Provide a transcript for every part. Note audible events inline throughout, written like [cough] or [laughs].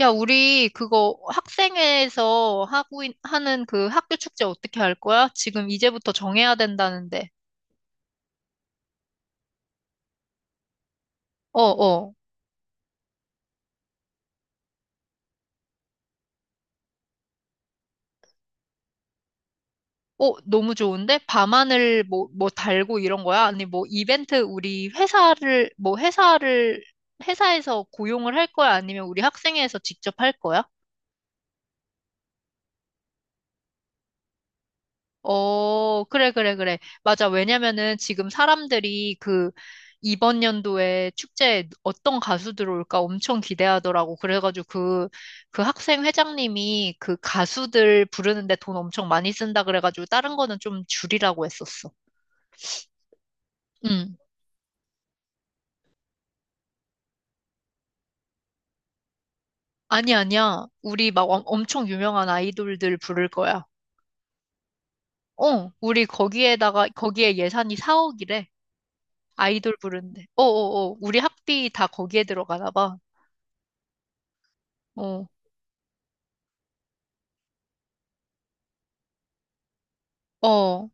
야, 우리 그거 학생회에서 하는 그 학교 축제 어떻게 할 거야? 지금 이제부터 정해야 된다는데. 어, 어. 어, 너무 좋은데? 밤하늘 뭐 달고 이런 거야? 아니, 뭐 이벤트 우리 회사를, 뭐 회사를, 회사에서 고용을 할 거야? 아니면 우리 학생회에서 직접 할 거야? 어, 그래, 그래, 그래. 맞아. 왜냐면은 지금 사람들이 그 이번 연도에 축제에 어떤 가수들 올까 엄청 기대하더라고. 그래가지고 그 학생 회장님이 그 가수들 부르는데 돈 엄청 많이 쓴다 그래가지고 다른 거는 좀 줄이라고 했었어. 응. 아니, 아니야. 우리 막 엄청 유명한 아이돌들 부를 거야. 어, 우리 거기에 예산이 4억이래. 아이돌 부르는데. 어어어. 우리 학비 다 거기에 들어가나 봐. 어. 어,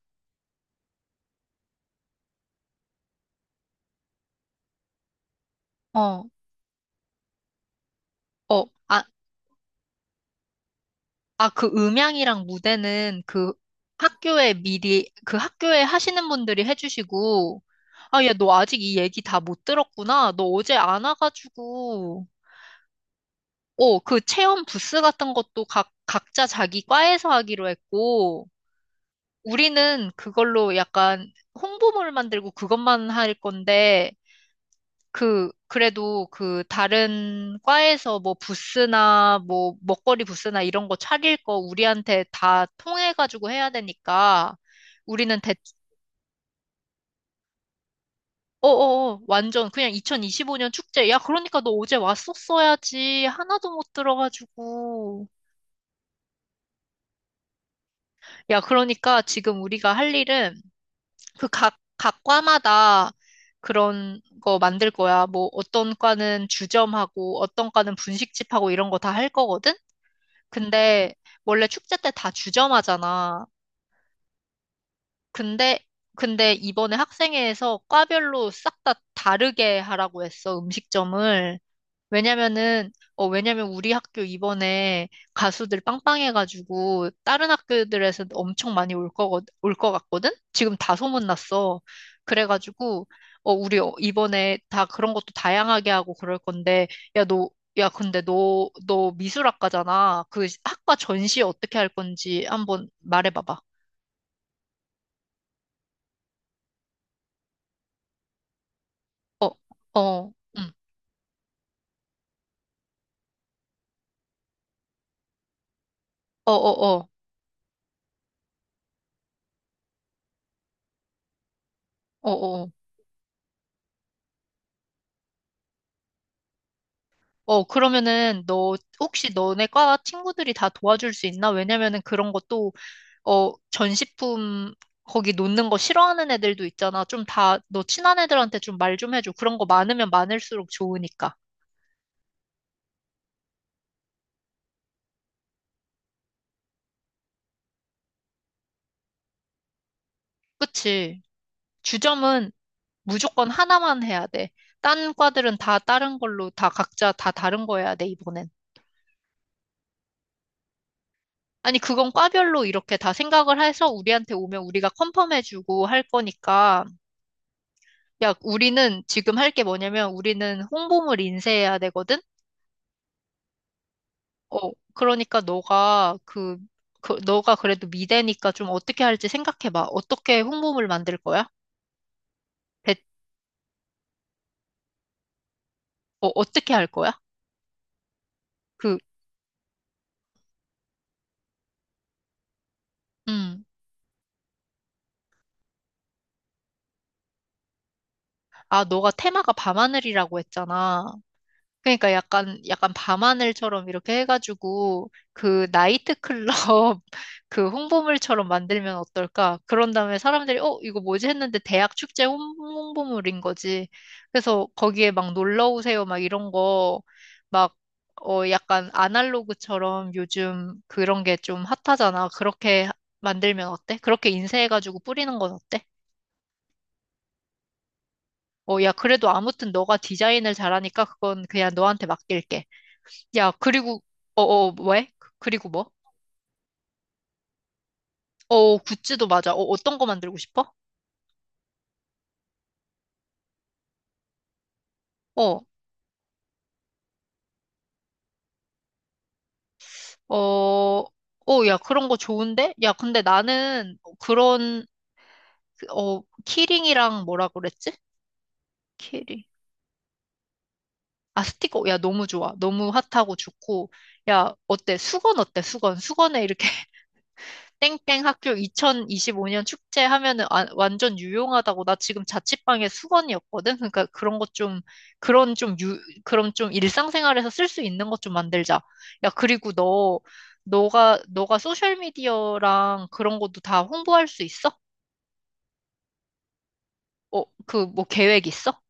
어, 어, 아, 아, 그 음향이랑 무대는 학교에 그 학교에 하시는 분들이 해주시고, 아, 야, 너 아직 이 얘기 다 못 들었구나. 너 어제 안 와가지고, 어, 그 체험 부스 같은 것도 각자 자기 과에서 하기로 했고, 우리는 그걸로 약간 홍보물 만들고 그것만 할 건데, 그, 그래도 그 다른 과에서 뭐 부스나 뭐 먹거리 부스나 이런 거 차릴 거 우리한테 다 통해가지고 해야 되니까 우리는 대, 완전 그냥 2025년 축제. 야, 그러니까 너 어제 왔었어야지. 하나도 못 들어가지고. 야, 그러니까 지금 우리가 할 일은 그 각 과마다 그런 거 만들 거야. 뭐 어떤 과는 주점하고 어떤 과는 분식집하고 이런 거 다 할 거거든? 근데 원래 축제 때 다 주점하잖아. 근데 근데 이번에 학생회에서 과별로 싹 다 다르게 하라고 했어, 음식점을. 왜냐면은, 어, 왜냐면 우리 학교 이번에 가수들 빵빵해가지고 다른 학교들에서 엄청 많이 올것 같거든? 지금 다 소문났어. 그래가지고, 어, 우리 이번에 다 그런 것도 다양하게 하고 그럴 건데, 야, 너, 야, 근데 너 미술학과잖아. 그 학과 전시 어떻게 할 건지 한번 말해봐봐. 어, 어, 응. 어, 어, 어, 어, 어. 어. 어, 그러면은 너 혹시 너네 과 친구들이 다 도와줄 수 있나? 왜냐면은 그런 것도 어, 전시품 거기 놓는 거 싫어하는 애들도 있잖아. 좀 다 너 친한 애들한테 좀 말 좀 해줘. 그런 거 많으면 많을수록 좋으니까. 그치? 주점은 무조건 하나만 해야 돼. 딴 과들은 다 다른 걸로 다 각자 다 다른 거 해야 돼, 이번엔. 아니, 그건 과별로 이렇게 다 생각을 해서 우리한테 오면 우리가 컨펌해주고 할 거니까. 야, 우리는 지금 할 게 뭐냐면 우리는 홍보물 인쇄해야 되거든? 어, 그러니까 너가 그래도 미대니까 좀 어떻게 할지 생각해봐. 어떻게 홍보물 만들 거야? 대, 어, 어떻게 할 거야? 그, 음. 아, 너가 테마가 밤하늘이라고 했잖아. 그러니까 약간 밤하늘처럼 이렇게 해가지고 그 나이트클럽 [laughs] 그 홍보물처럼 만들면 어떨까? 그런 다음에 사람들이 어 이거 뭐지 했는데 대학 축제 홍보물인 거지. 그래서 거기에 막 놀러 오세요 막 이런 거 막 어 약간 아날로그처럼 요즘 그런 게 좀 핫하잖아. 그렇게 만들면 어때? 그렇게 인쇄해가지고 뿌리는 건 어때? 어 야 그래도 아무튼 너가 디자인을 잘하니까 그건 그냥 너한테 맡길게. 야, 그리고, 어, 어, 왜? 그리고 뭐? 어, 굿즈도 맞아. 어, 어떤 거 만들고 싶어? 어, 어, 어, 야, 그런 거 좋은데? 야, 근데 나는 그런, 그, 어, 키링이랑 뭐라 그랬지? 키링. 아, 스티커. 야, 너무 좋아. 너무 핫하고 좋고. 야, 어때? 수건 어때? 수건. 수건에 이렇게 땡땡 학교 2025년 축제 하면은 완전 유용하다고 나 지금 자취방에 수건이었거든. 그러니까 그런 것 좀, 그런 좀 유, 그런 좀 일상생활에서 쓸 수 있는 것 좀 만들자. 야, 그리고 너, 너가 소셜미디어랑 그런 것도 다 홍보할 수 있어? 어, 그 뭐 계획 있어?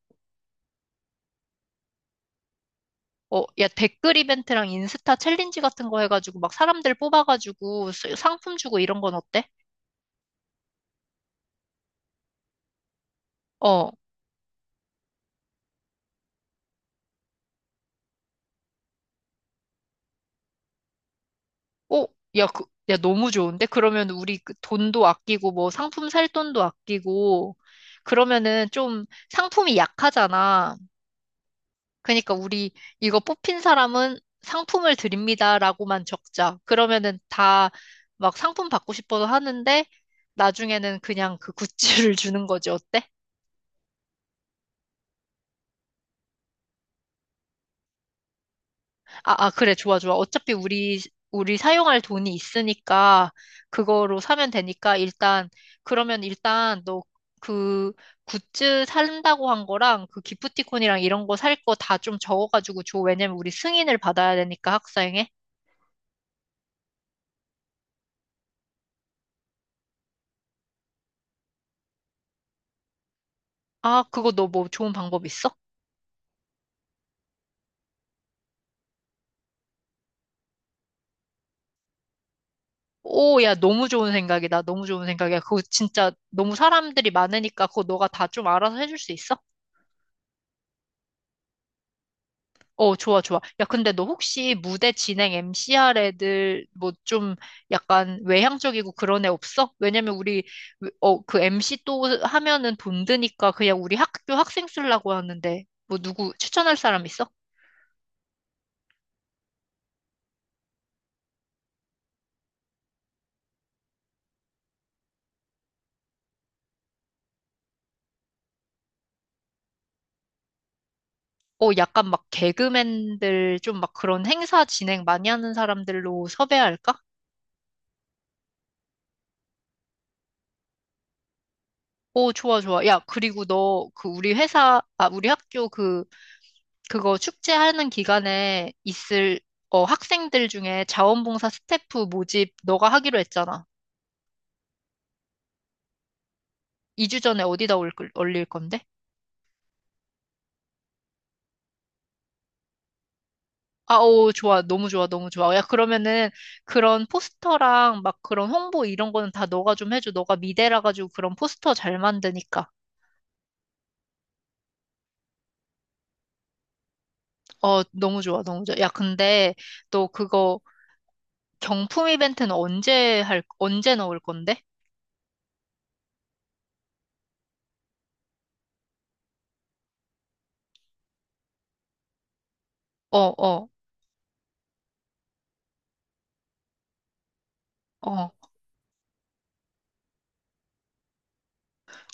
어, 야, 댓글 이벤트랑 인스타 챌린지 같은 거 해가지고 막 사람들 뽑아가지고 상품 주고 이런 건 어때? 어, 어, 야, 그, 야, 너무 좋은데? 그러면 우리 그 돈도 아끼고, 뭐 상품 살 돈도 아끼고, 그러면은 좀 상품이 약하잖아. 그러니까 우리 이거 뽑힌 사람은 상품을 드립니다라고만 적자. 그러면은 다 막 상품 받고 싶어서 하는데, 나중에는 그냥 그 굿즈를 [laughs] 주는 거지. 어때? 아, 아, 그래, 좋아, 좋아. 어차피 우리, 우리 사용할 돈이 있으니까, 그거로 사면 되니까, 일단, 그러면 일단, 너 그 굿즈 산다고 한 거랑, 그 기프티콘이랑 이런 거 살 거 다 좀 적어가지고 줘. 왜냐면 우리 승인을 받아야 되니까, 학사행에. 아, 그거 너 뭐 좋은 방법 있어? 오, 야, 너무 좋은 생각이다. 너무 좋은 생각이야. 그거 진짜 너무 사람들이 많으니까, 그거 너가 다 좀 알아서 해줄 수 있어? 어, 좋아, 좋아. 야, 근데 너 혹시 무대 진행 m c 할 애들 뭐 좀 약간 외향적이고 그런 애 없어? 왜냐면 우리 어, 그 MC 또 하면은 돈 드니까 그냥 우리 학교 학생 쓰려고 하는데 뭐 누구 추천할 사람 있어? 어, 약간 막 개그맨들 좀 막 그런 행사 진행 많이 하는 사람들로 섭외할까? 오, 좋아, 좋아. 야, 그리고 너 그 우리 회사, 아, 우리 학교 그 그거 축제하는 기간에 있을 어, 학생들 중에 자원봉사 스태프 모집 너가 하기로 했잖아. 2주 전에 어디다 올릴 건데? 아, 오, 좋아. 너무 좋아. 너무 좋아. 야, 그러면은 그런 포스터랑 막 그런 홍보 이런 거는 다 너가 좀 해줘. 너가 미대라 가지고 그런 포스터 잘 만드니까. 어, 너무 좋아. 너무 좋아. 야, 근데 너 그거 경품 이벤트는 언제 넣을 건데? 어, 어, 어.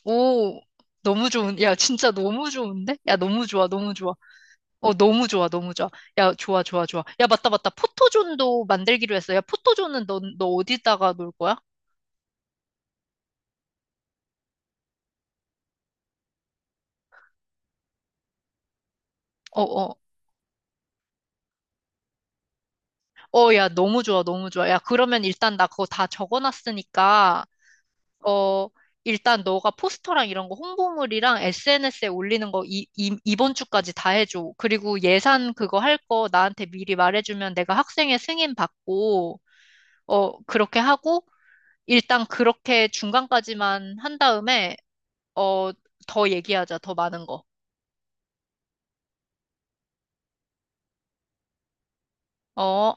오, 너무 좋은, 야, 진짜 너무 좋은데? 야, 너무 좋아, 너무 좋아. 어, 너무 좋아, 너무 좋아. 야, 좋아, 좋아, 좋아. 야, 맞다, 맞다. 포토존도 만들기로 했어. 야, 포토존은 너 어디다가 놀 거야? 어, 어. 어, 야, 너무 좋아, 너무 좋아. 야, 그러면 일단 나 그거 다 적어놨으니까, 어, 일단 너가 포스터랑 이런 거 홍보물이랑 SNS에 올리는 거 이번 주까지 다 해줘. 그리고 예산 그거 할 거 나한테 미리 말해주면 내가 학생회 승인 받고, 어, 그렇게 하고, 일단 그렇게 중간까지만 한 다음에, 어, 더 얘기하자, 더 많은 거. 어.